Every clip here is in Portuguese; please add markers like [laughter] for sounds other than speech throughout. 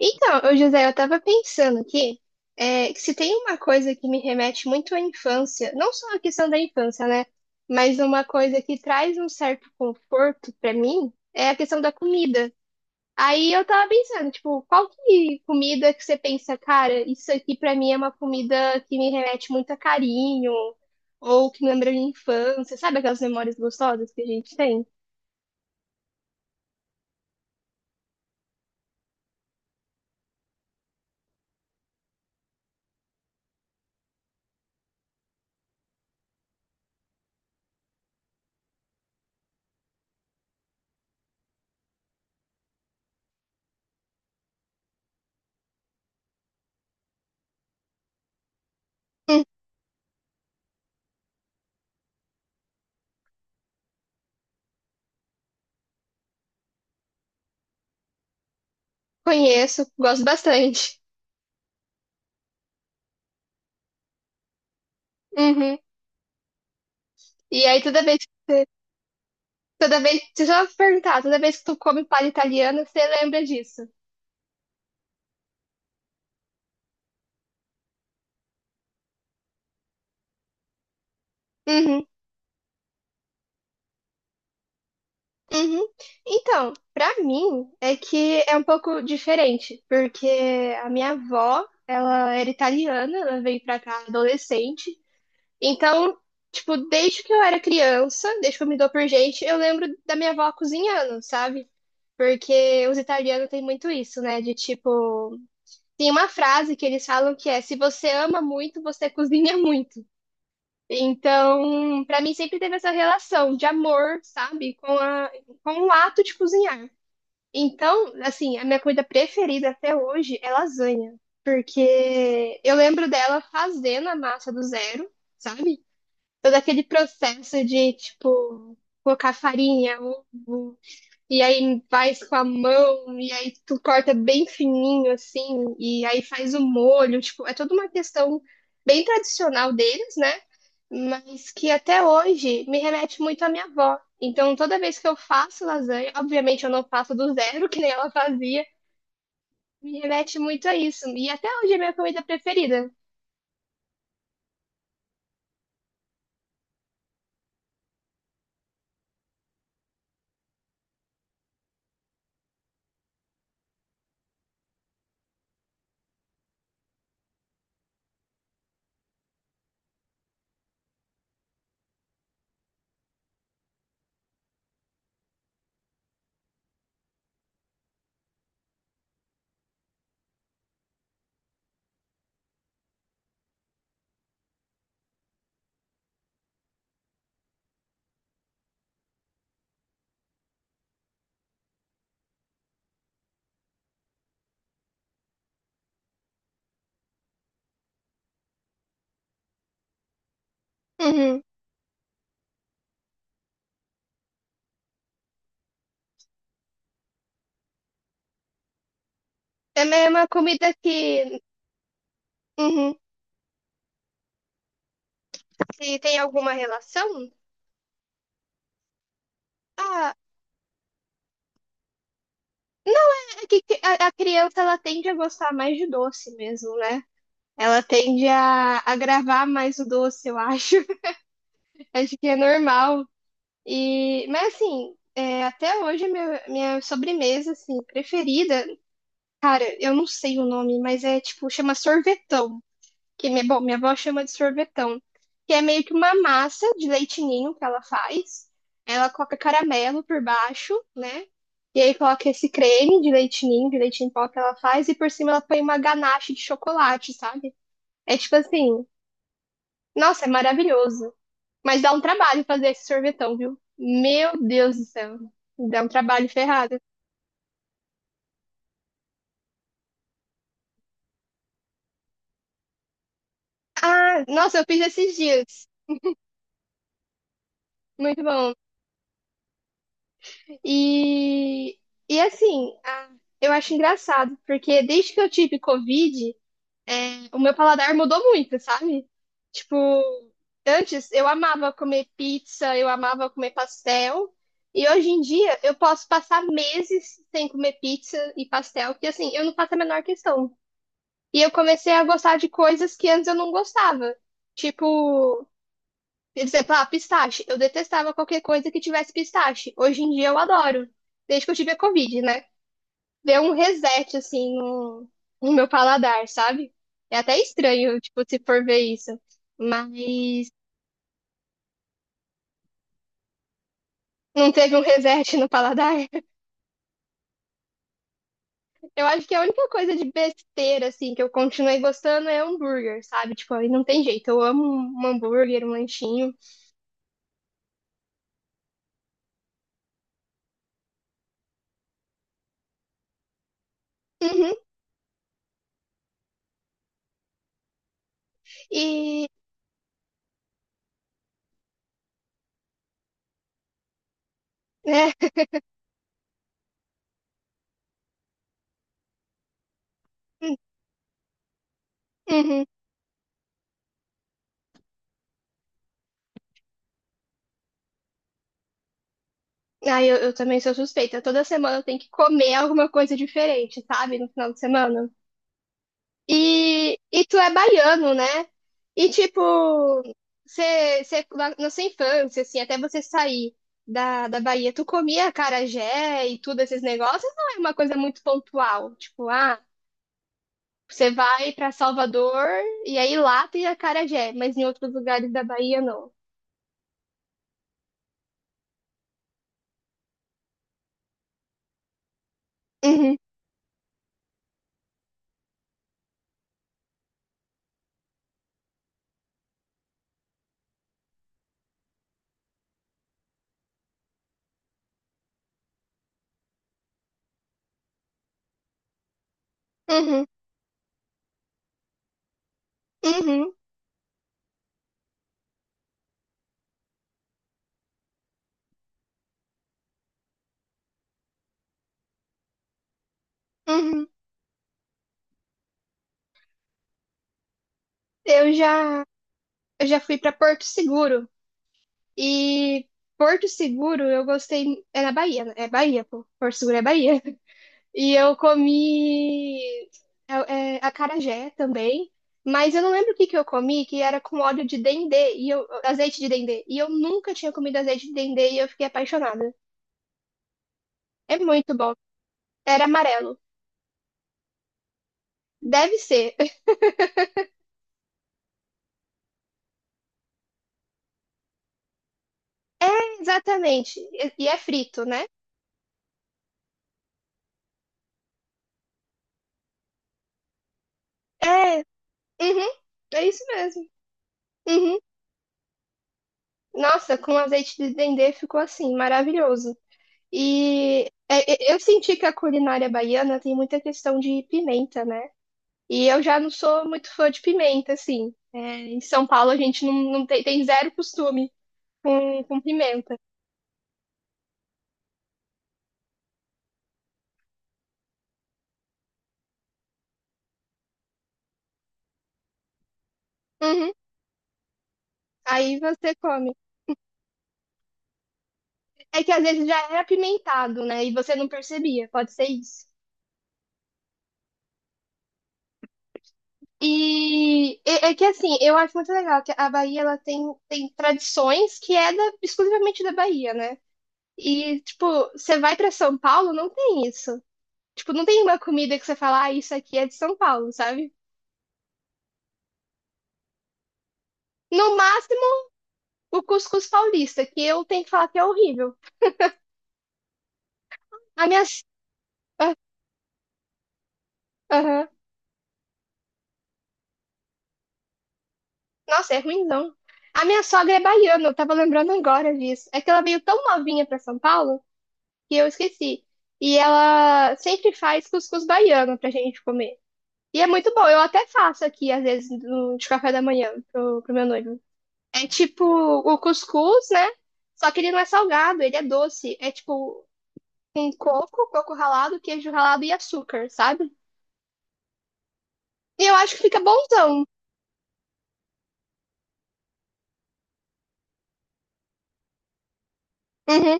Então, ô José, eu tava pensando aqui, que se tem uma coisa que me remete muito à infância, não só a questão da infância, né? Mas uma coisa que traz um certo conforto pra mim é a questão da comida. Aí eu tava pensando, tipo, qual que comida que você pensa, cara, isso aqui pra mim é uma comida que me remete muito a carinho, ou que me lembra minha infância, sabe aquelas memórias gostosas que a gente tem? Hum, conheço, gosto bastante. Uhum. E aí toda vez que você toda vez, deixa eu te perguntar, toda vez que tu come palha italiana, você lembra disso? Uhum, uhum. Então, pra mim é que é um pouco diferente, porque a minha avó, ela era italiana, ela veio pra cá adolescente. Então, tipo, desde que eu era criança, desde que eu me dou por gente, eu lembro da minha avó cozinhando, sabe? Porque os italianos têm muito isso, né? De tipo, tem uma frase que eles falam que é: se você ama muito, você cozinha muito. Então, para mim sempre teve essa relação de amor, sabe, com o ato de cozinhar. Então, assim, a minha comida preferida até hoje é lasanha, porque eu lembro dela fazendo a massa do zero, sabe? Todo aquele processo de, tipo, colocar farinha, ovo, e aí faz com a mão, e aí tu corta bem fininho, assim, e aí faz o molho. Tipo, é toda uma questão bem tradicional deles, né? Mas que até hoje me remete muito à minha avó. Então, toda vez que eu faço lasanha, obviamente eu não faço do zero, [laughs] que nem ela fazia, me remete muito a isso. E até hoje é minha comida preferida. Uhum. Também é uma comida que, uhum, se tem alguma relação, ah, não. É que a criança ela tende a gostar mais de doce mesmo, né? Ela tende a gravar mais o doce, eu acho. [laughs] Acho que é normal. E, mas assim, até hoje minha sobremesa assim preferida, cara, eu não sei o nome, mas é tipo chama sorvetão que minha, bom, minha avó chama de sorvetão, que é meio que uma massa de leite ninho que ela faz. Ela coloca caramelo por baixo, né? E aí coloca esse creme de leite ninho, de leite em pó que ela faz, e por cima ela põe uma ganache de chocolate, sabe? É tipo assim, nossa, é maravilhoso. Mas dá um trabalho fazer esse sorvetão, viu? Meu Deus do céu. Dá um trabalho ferrado. Ah, nossa, eu fiz esses dias. Muito bom. E, e assim, a- eu acho engraçado, porque desde que eu tive Covid, o meu paladar mudou muito, sabe? Tipo, antes eu amava comer pizza, eu amava comer pastel, e hoje em dia eu posso passar meses sem comer pizza e pastel, que assim, eu não faço a menor questão. E eu comecei a gostar de coisas que antes eu não gostava. Tipo, por exemplo, ah, pistache. Eu detestava qualquer coisa que tivesse pistache. Hoje em dia eu adoro, desde que eu tive a Covid, né? Deu um reset, assim, no meu paladar, sabe? É até estranho, tipo, se for ver isso. Mas não teve um reset no paladar. [laughs] Eu acho que a única coisa de besteira, assim, que eu continuei gostando é hambúrguer, sabe? Tipo, aí não tem jeito. Eu amo um hambúrguer, um lanchinho. Uhum. E, né? [laughs] Uhum. Ah, eu também sou suspeita. Toda semana eu tenho que comer alguma coisa diferente, sabe? No final de semana. E tu é baiano, né? E tipo, você, na sua infância, assim, até você sair da Bahia, tu comia acarajé e tudo esses negócios, não é uma coisa muito pontual. Tipo, ah, você vai pra Salvador e aí lá tem acarajé, mas em outros lugares da Bahia não. Uhum, uhum, uhum, uhum. Eu já, eu já fui pra Porto Seguro e Porto Seguro eu gostei, é na Bahia, né? É Bahia, pô. Porto Seguro é Bahia. E eu comi é, acarajé também, mas eu não lembro o que que eu comi, que era com óleo de dendê, e eu, azeite de dendê. E eu nunca tinha comido azeite de dendê e eu fiquei apaixonada. É muito bom. Era amarelo. Deve ser. [laughs] É, exatamente. E é frito, né? É, uhum, é isso mesmo. Uhum. Nossa, com azeite de dendê ficou assim, maravilhoso. E é, é, eu senti que a culinária baiana tem muita questão de pimenta, né? E eu já não sou muito fã de pimenta, assim. É, em São Paulo a gente não tem, tem zero costume com pimenta. Uhum. Aí você come. É que às vezes já era apimentado, né? E você não percebia, pode ser isso. É que assim, eu acho muito legal que a Bahia ela tem, tem tradições que é da- exclusivamente da Bahia, né? E, tipo, você vai pra São Paulo, não tem isso. Tipo, não tem uma comida que você fala, ah, isso aqui é de São Paulo, sabe? No máximo o cuscuz paulista, que eu tenho que falar que é horrível. A minha. Aham. Nossa, é ruimzão. A minha sogra é baiana, eu tava lembrando agora disso. É que ela veio tão novinha pra São Paulo que eu esqueci. E ela sempre faz cuscuz baiano pra gente comer. E é muito bom, eu até faço aqui, às vezes, no- de café da manhã pro meu noivo. É tipo o cuscuz, né? Só que ele não é salgado, ele é doce. É tipo com coco, coco ralado, queijo ralado e açúcar, sabe? E eu acho que fica bonzão. Uhum.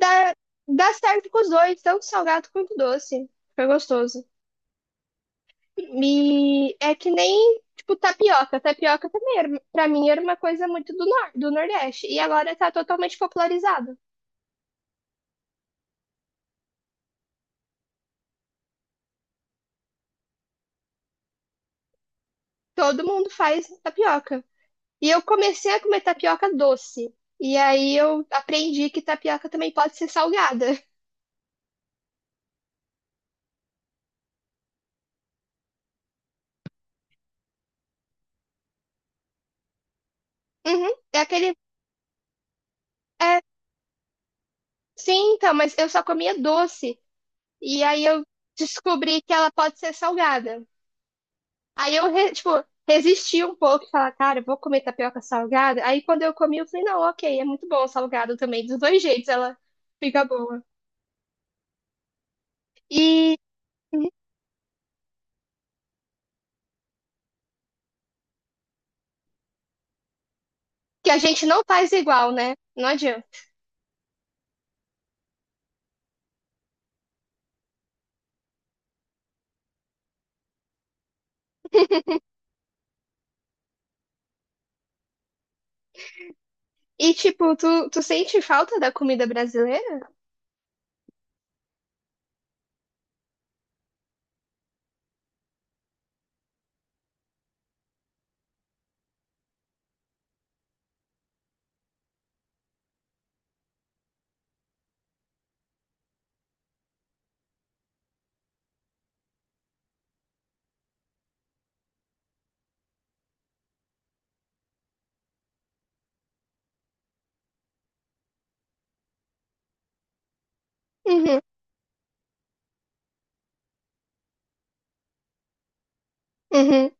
Dá, dá certo com os dois, tanto salgado quanto doce. Fica gostoso. E é que nem, tipo, tapioca. Tapioca também, era, pra mim, era uma coisa muito do, nor do Nordeste. E agora tá totalmente popularizado. Todo mundo faz tapioca. E eu comecei a comer tapioca doce. E aí eu aprendi que tapioca também pode ser salgada. [laughs] Uhum. É aquele. É, sim, então, mas eu só comia doce. E aí eu descobri que ela pode ser salgada. Aí eu, re- tipo, resisti um pouco, e falar, cara, eu vou comer tapioca salgada. Aí quando eu comi, eu falei, não, ok, é muito bom o salgado também. Dos dois jeitos ela fica boa. E que a gente não faz igual, né? Não adianta. E, tipo, tu sente falta da comida brasileira? Uhum, uhum,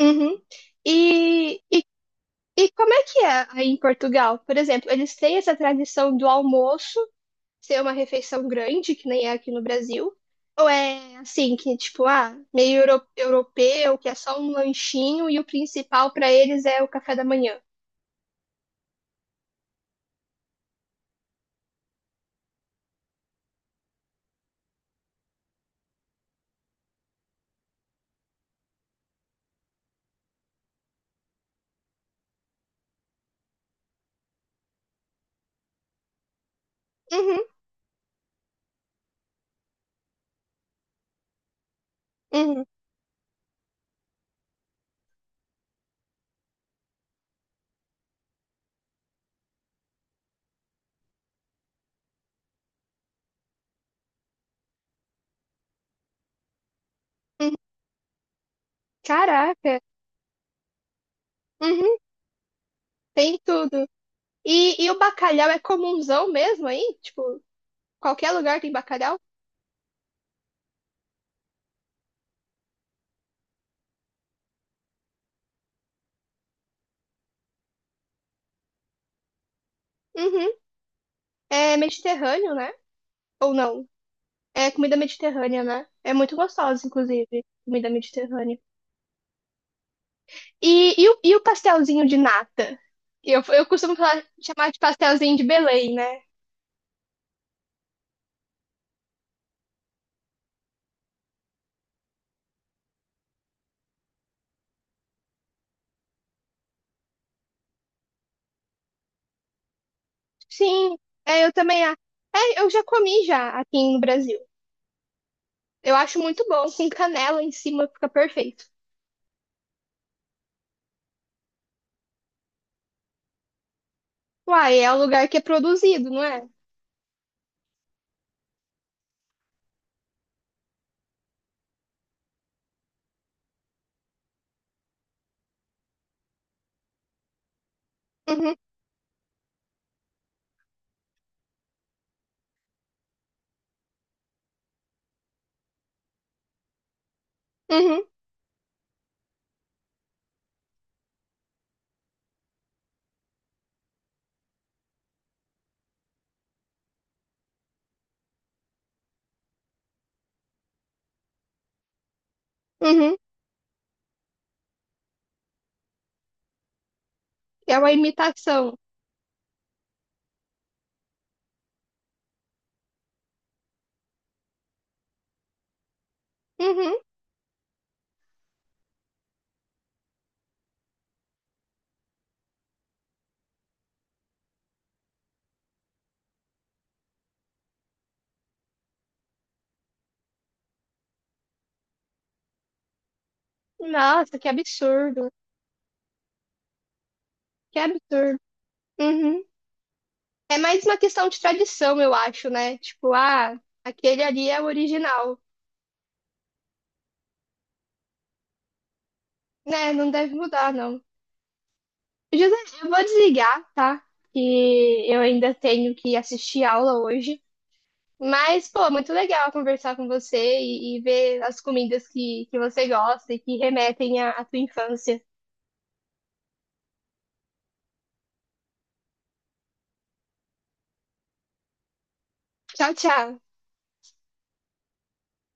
uhum. E, e, e como é que é aí em Portugal? Por exemplo, eles têm essa tradição do almoço ser uma refeição grande, que nem é aqui no Brasil, ou é assim, que tipo, ah, meio euro- europeu, que é só um lanchinho e o principal pra eles é o café da manhã. Uhum, uhum, uhum. Caraca, uhum, tem tudo. E, e o bacalhau é comunzão mesmo aí? Tipo, qualquer lugar tem bacalhau? Uhum. É mediterrâneo, né? Ou não? É comida mediterrânea, né? É muito gostosa, inclusive, comida mediterrânea. E o pastelzinho de nata? Eu costumo falar- chamar de pastelzinho de Belém, né? Sim, é, eu também. A- é, eu já comi já aqui no Brasil. Eu acho muito bom, com canela em cima fica perfeito. Uai, é o lugar que é produzido, não é? Uhum, uhum, uhum. É uma imitação. Uhum. Nossa, que absurdo. Que absurdo. Uhum. É mais uma questão de tradição, eu acho, né? Tipo, ah, aquele ali é o original. Né, não deve mudar, não. José, eu vou desligar, tá? Que eu ainda tenho que assistir aula hoje. Mas, pô, muito legal conversar com você e ver as comidas que você gosta e que remetem à tua infância. Tchau, tchau.